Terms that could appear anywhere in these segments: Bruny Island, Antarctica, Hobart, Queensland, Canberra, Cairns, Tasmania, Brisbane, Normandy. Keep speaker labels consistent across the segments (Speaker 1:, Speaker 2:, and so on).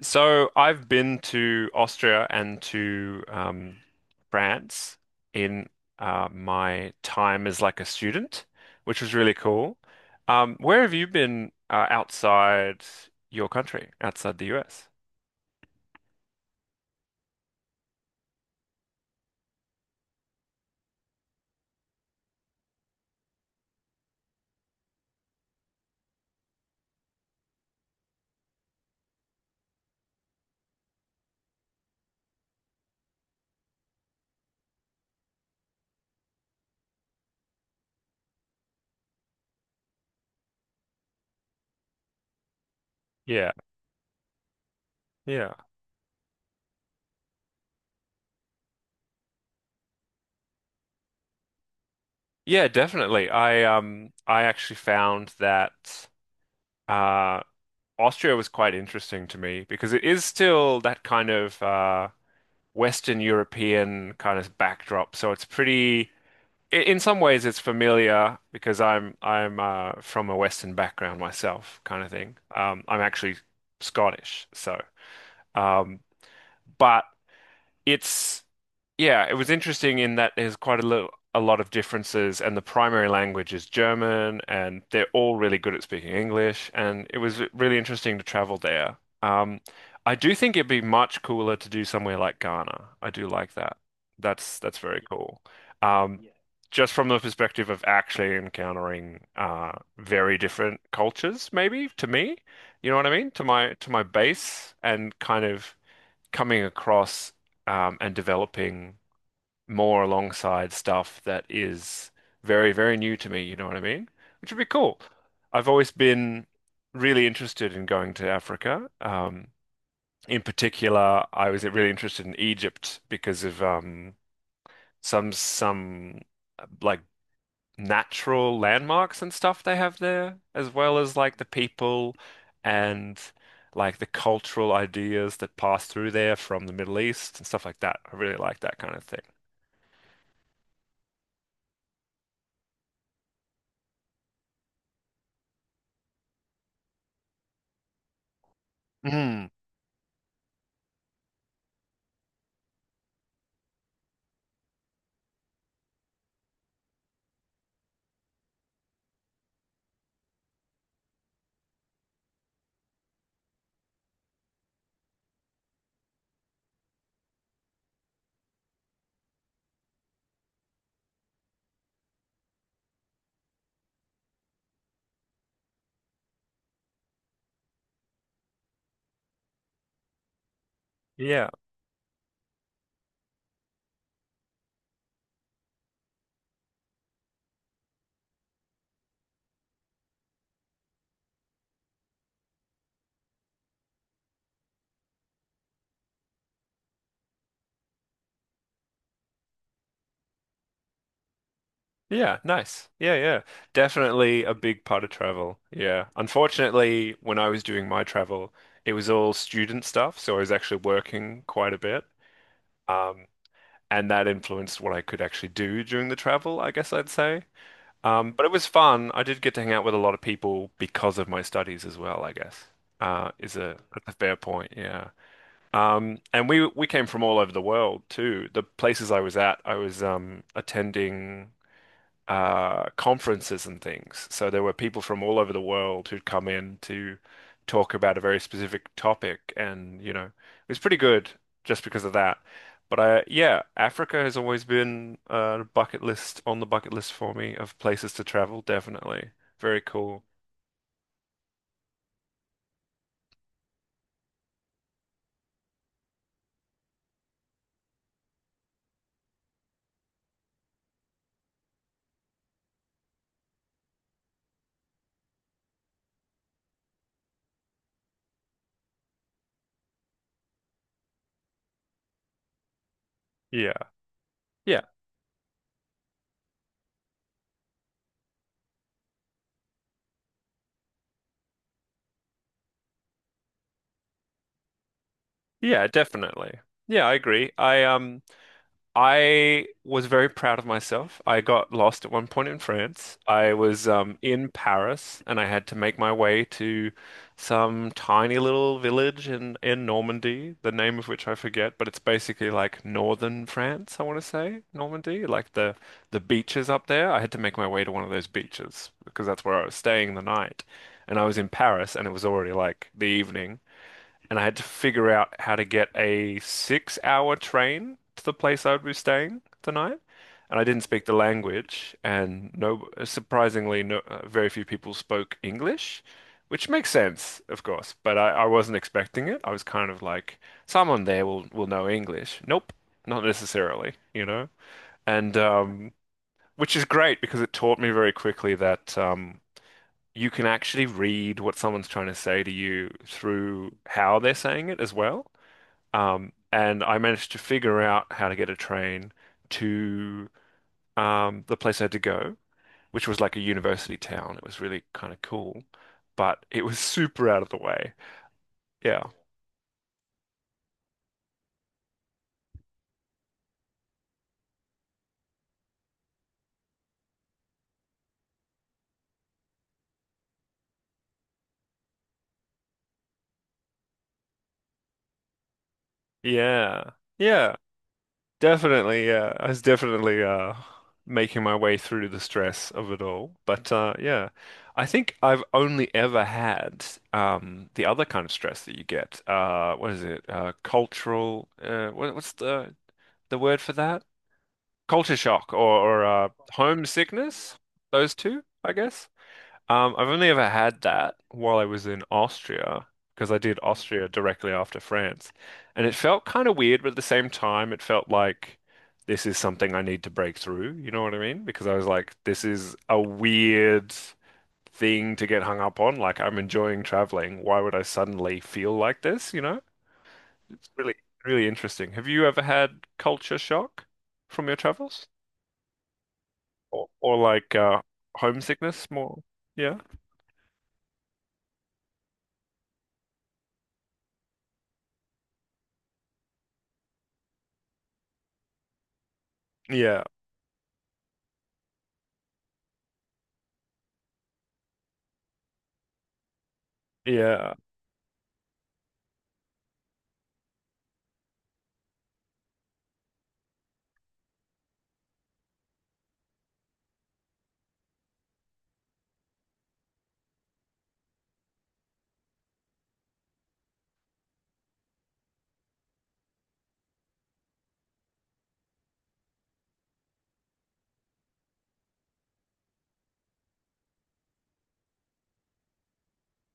Speaker 1: So I've been to Austria and to France in my time as like a student, which was really cool. Where have you been outside your country, outside the US? Yeah, yeah, yeah, definitely. I actually found that uh Austria was quite interesting to me because it is still that kind of Western European kind of backdrop. So it's pretty, in some ways, it's familiar because I'm from a Western background myself, kind of thing. I'm actually Scottish, so um, but it's yeah, it was interesting in that there's quite a lot of differences, and the primary language is German, and they're all really good at speaking English, and it was really interesting to travel there. I do think it'd be much cooler to do somewhere like Ghana. I do like that. That's very cool. Yeah, just from the perspective of actually encountering very different cultures, maybe to me, you know what I mean? To my base, and kind of coming across and developing more alongside stuff that is very, very new to me, you know what I mean? Which would be cool. I've always been really interested in going to Africa. In particular, I was really interested in Egypt because of some uh, like natural landmarks and stuff they have there, as well as like the people and like the cultural ideas that pass through there from the Middle East and stuff like that. I really like that kind of thing. Mm. Yeah. Yeah, nice. Yeah, yeah. Definitely a big part of travel. Yeah. Unfortunately, when I was doing my travel, it was all student stuff, so I was actually working quite a bit. Um, and that influenced what I could actually do during the travel, I guess I'd say. But it was fun. I did get to hang out with a lot of people because of my studies as well, I guess. Is a that's a fair point, yeah. And we came from all over the world too. The places I was at, I was attending conferences and things. So there were people from all over the world who'd come in to talk about a very specific topic, and you know, it was pretty good just because of that. But yeah, Africa has always been a bucket list on the bucket list for me of places to travel, definitely. Very cool. Yeah. Yeah. Yeah, definitely. Yeah, I agree. I was very proud of myself. I got lost at one point in France. I was in Paris and I had to make my way to some tiny little village in Normandy, the name of which I forget, but it's basically like northern France, I want to say, Normandy, like the beaches up there. I had to make my way to one of those beaches because that's where I was staying the night. And I was in Paris and it was already like the evening and I had to figure out how to get a 6 hour train to the place I would be staying the night. And I didn't speak the language, and no, surprisingly, no, very few people spoke English, which makes sense, of course. But I wasn't expecting it. I was kind of like, someone there will know English. Nope, not necessarily, you know. And which is great because it taught me very quickly that you can actually read what someone's trying to say to you through how they're saying it as well. And I managed to figure out how to get a train to the place I had to go, which was like a university town. It was really kind of cool, but it was super out of the way. Yeah. Yeah. Yeah. Definitely. Yeah. I was definitely making my way through the stress of it all. But yeah, I think I've only ever had the other kind of stress that you get. What is it? Cultural. What's the word for that? Culture shock or homesickness, those two, I guess. I've only ever had that while I was in Austria because I did Austria directly after France. And it felt kind of weird, but at the same time, it felt like this is something I need to break through. You know what I mean? Because I was like, this is a weird thing to get hung up on. Like, I'm enjoying traveling. Why would I suddenly feel like this? You know? It's really, really interesting. Have you ever had culture shock from your travels? Or like homesickness more. Yeah. Yeah. Yeah.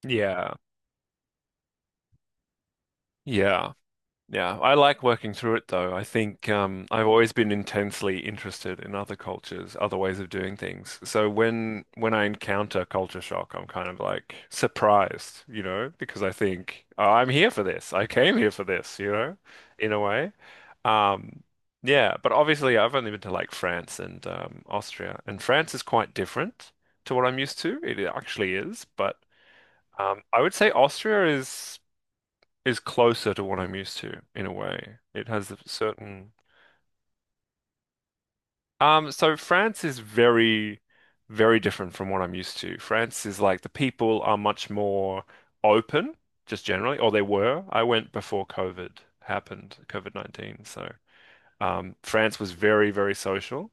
Speaker 1: Yeah. Yeah. Yeah. I like working through it though. I've always been intensely interested in other cultures, other ways of doing things. So when I encounter culture shock, I'm kind of like surprised, you know, because I think, "Oh, I'm here for this. I came here for this, you know, in a way. Um, yeah, but obviously I've only been to like France and Austria, and France is quite different to what I'm used to. It actually is, but I would say Austria is closer to what I'm used to in a way. It has a certain so France is very, very different from what I'm used to. France is like the people are much more open, just generally, or they were. I went before COVID happened, COVID-19, so. France was very, very social.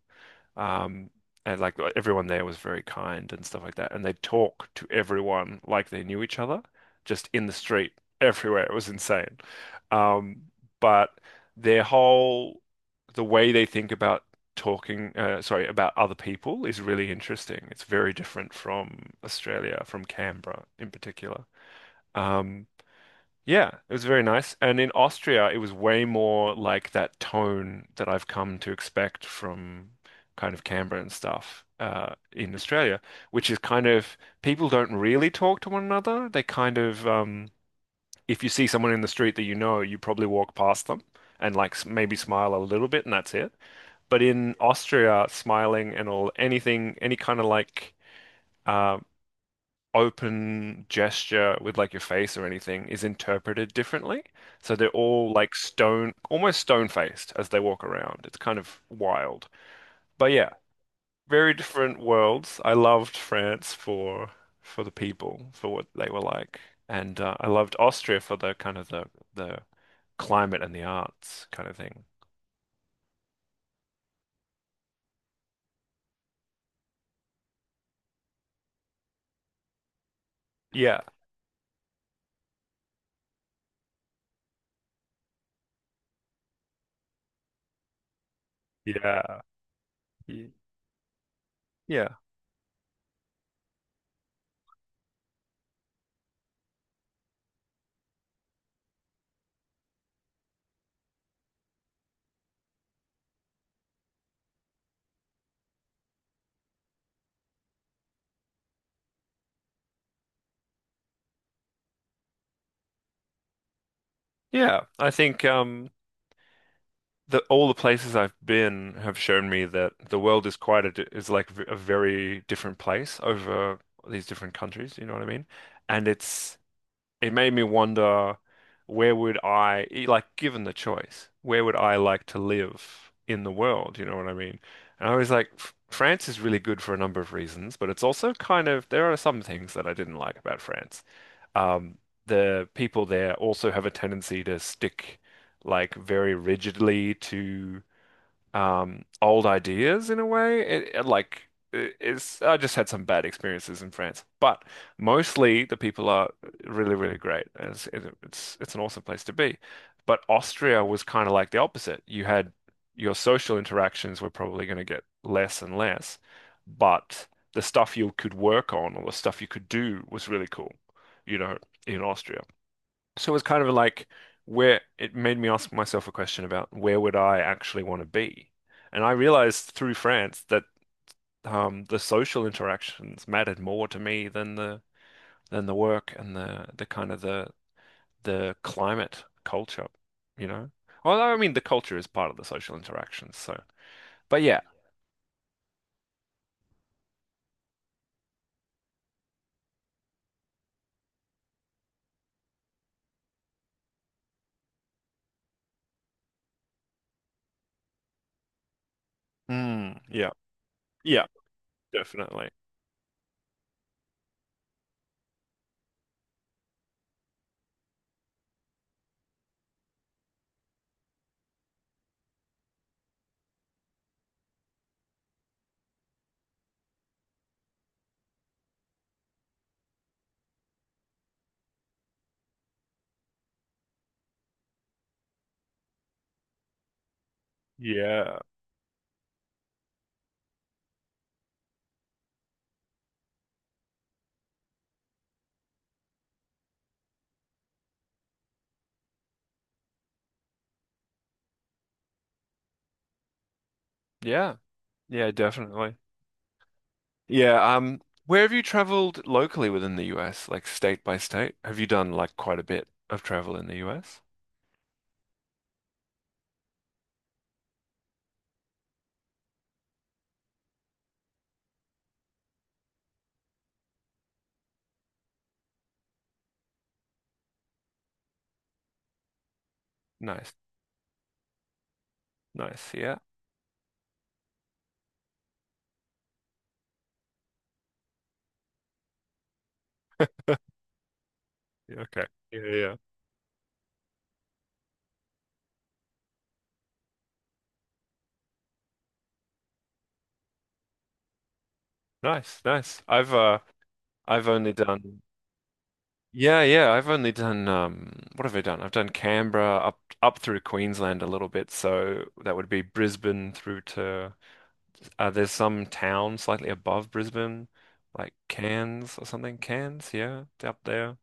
Speaker 1: Um, and like everyone there was very kind and stuff like that. And they'd talk to everyone like they knew each other, just in the street, everywhere. It was insane. Um, but their whole, the way they think about talking, sorry, about other people is really interesting. It's very different from Australia, from Canberra in particular. Um, yeah, it was very nice. And in Austria, it was way more like that tone that I've come to expect from kind of Canberra and stuff in Australia, which is kind of people don't really talk to one another. They kind of, if you see someone in the street that you know, you probably walk past them and maybe smile a little bit, and that's it. But in Austria, smiling and all anything, any kind of like uh, open gesture with like your face or anything is interpreted differently. So they're all like stone, almost stone-faced as they walk around. It's kind of wild. But yeah, very different worlds. I loved France for the people, for what they were like. And I loved Austria for the kind of the climate and the arts kind of thing. Yeah. Yeah. Y- Yeah. Yeah. I think the all the places I've been have shown me that the world is quite is a very different place over these different countries. You know what I mean? And it's it made me wonder where would like, given the choice, where would I like to live in the world? You know what I mean? And I was like, France is really good for a number of reasons, but it's also kind of, there are some things that I didn't like about France. Um, the people there also have a tendency to stick like very rigidly to old ideas in a way. It's I just had some bad experiences in France, but mostly the people are really really great. And It's it- it's an awesome place to be. But Austria was kind of like the opposite. You had your social interactions were probably going to get less and less, but the stuff you could work on or the stuff you could do was really cool, you know, in Austria. So it was kind of like where it made me ask myself a question about where would I actually want to be? And I realized through France that the social interactions mattered more to me than the work and the kind of the climate culture, you know? Although I mean the culture is part of the social interactions, so but yeah. Mm, yeah. Yeah, definitely. Yeah. Yeah. Yeah, definitely. Yeah, where have you traveled locally within the US, like state by state? Have you done like quite a bit of travel in the US? Nice, nice, yeah. Yeah, okay. Yeah, yeah. Nice, nice. I've only done yeah, yeah. I've only done what have I done? I've done Canberra up through Queensland a little bit, so that would be Brisbane through to there's some town slightly above Brisbane, like Cairns or something. Cairns, yeah, it's up there.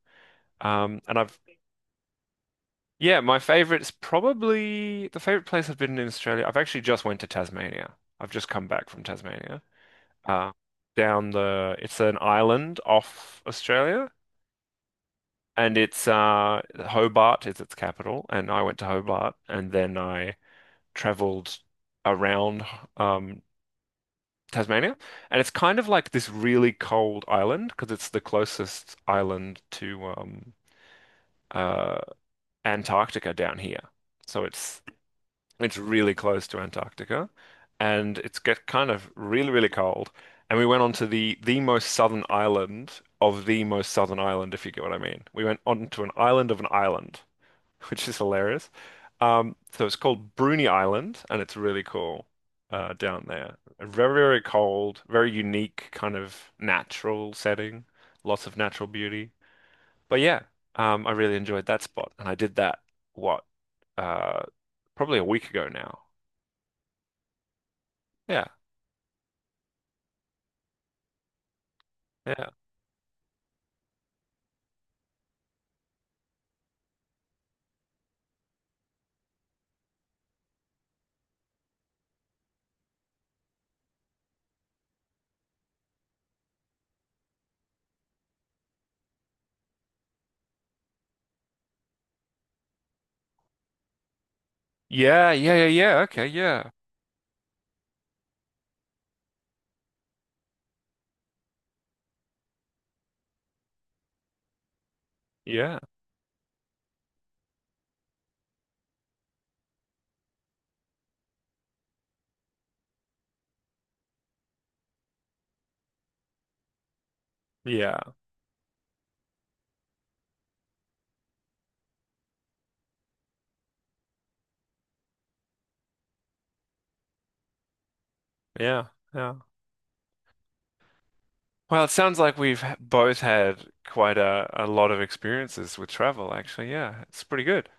Speaker 1: And I've yeah, my favorite's probably the favorite place I've been in Australia. I've actually just went to Tasmania. I've just come back from Tasmania. Uh down the it's an island off Australia. And it's Hobart is its capital, and I went to Hobart, and then I travelled around um Tasmania, and it's kind of like this really cold island because it's the closest island to uh Antarctica down here, so it's really close to Antarctica, and it's get kind of really really cold, and we went on to the most southern island. Of the most southern island, if you get what I mean. We went on to an island of an island. which is hilarious. So it's called Bruny Island, and it's really cool down there. Very, very cold, very unique kind of natural setting, lots of natural beauty. But yeah, I really enjoyed that spot, and I did that what uh, probably a week ago now. Yeah, yeah, yeah, yeah, yeah, yeah. Okay, yeah, yeah, yeah, yeah, yeah. Well, it sounds like we've both had quite a lot of experiences with travel, actually. Yeah, it's pretty good.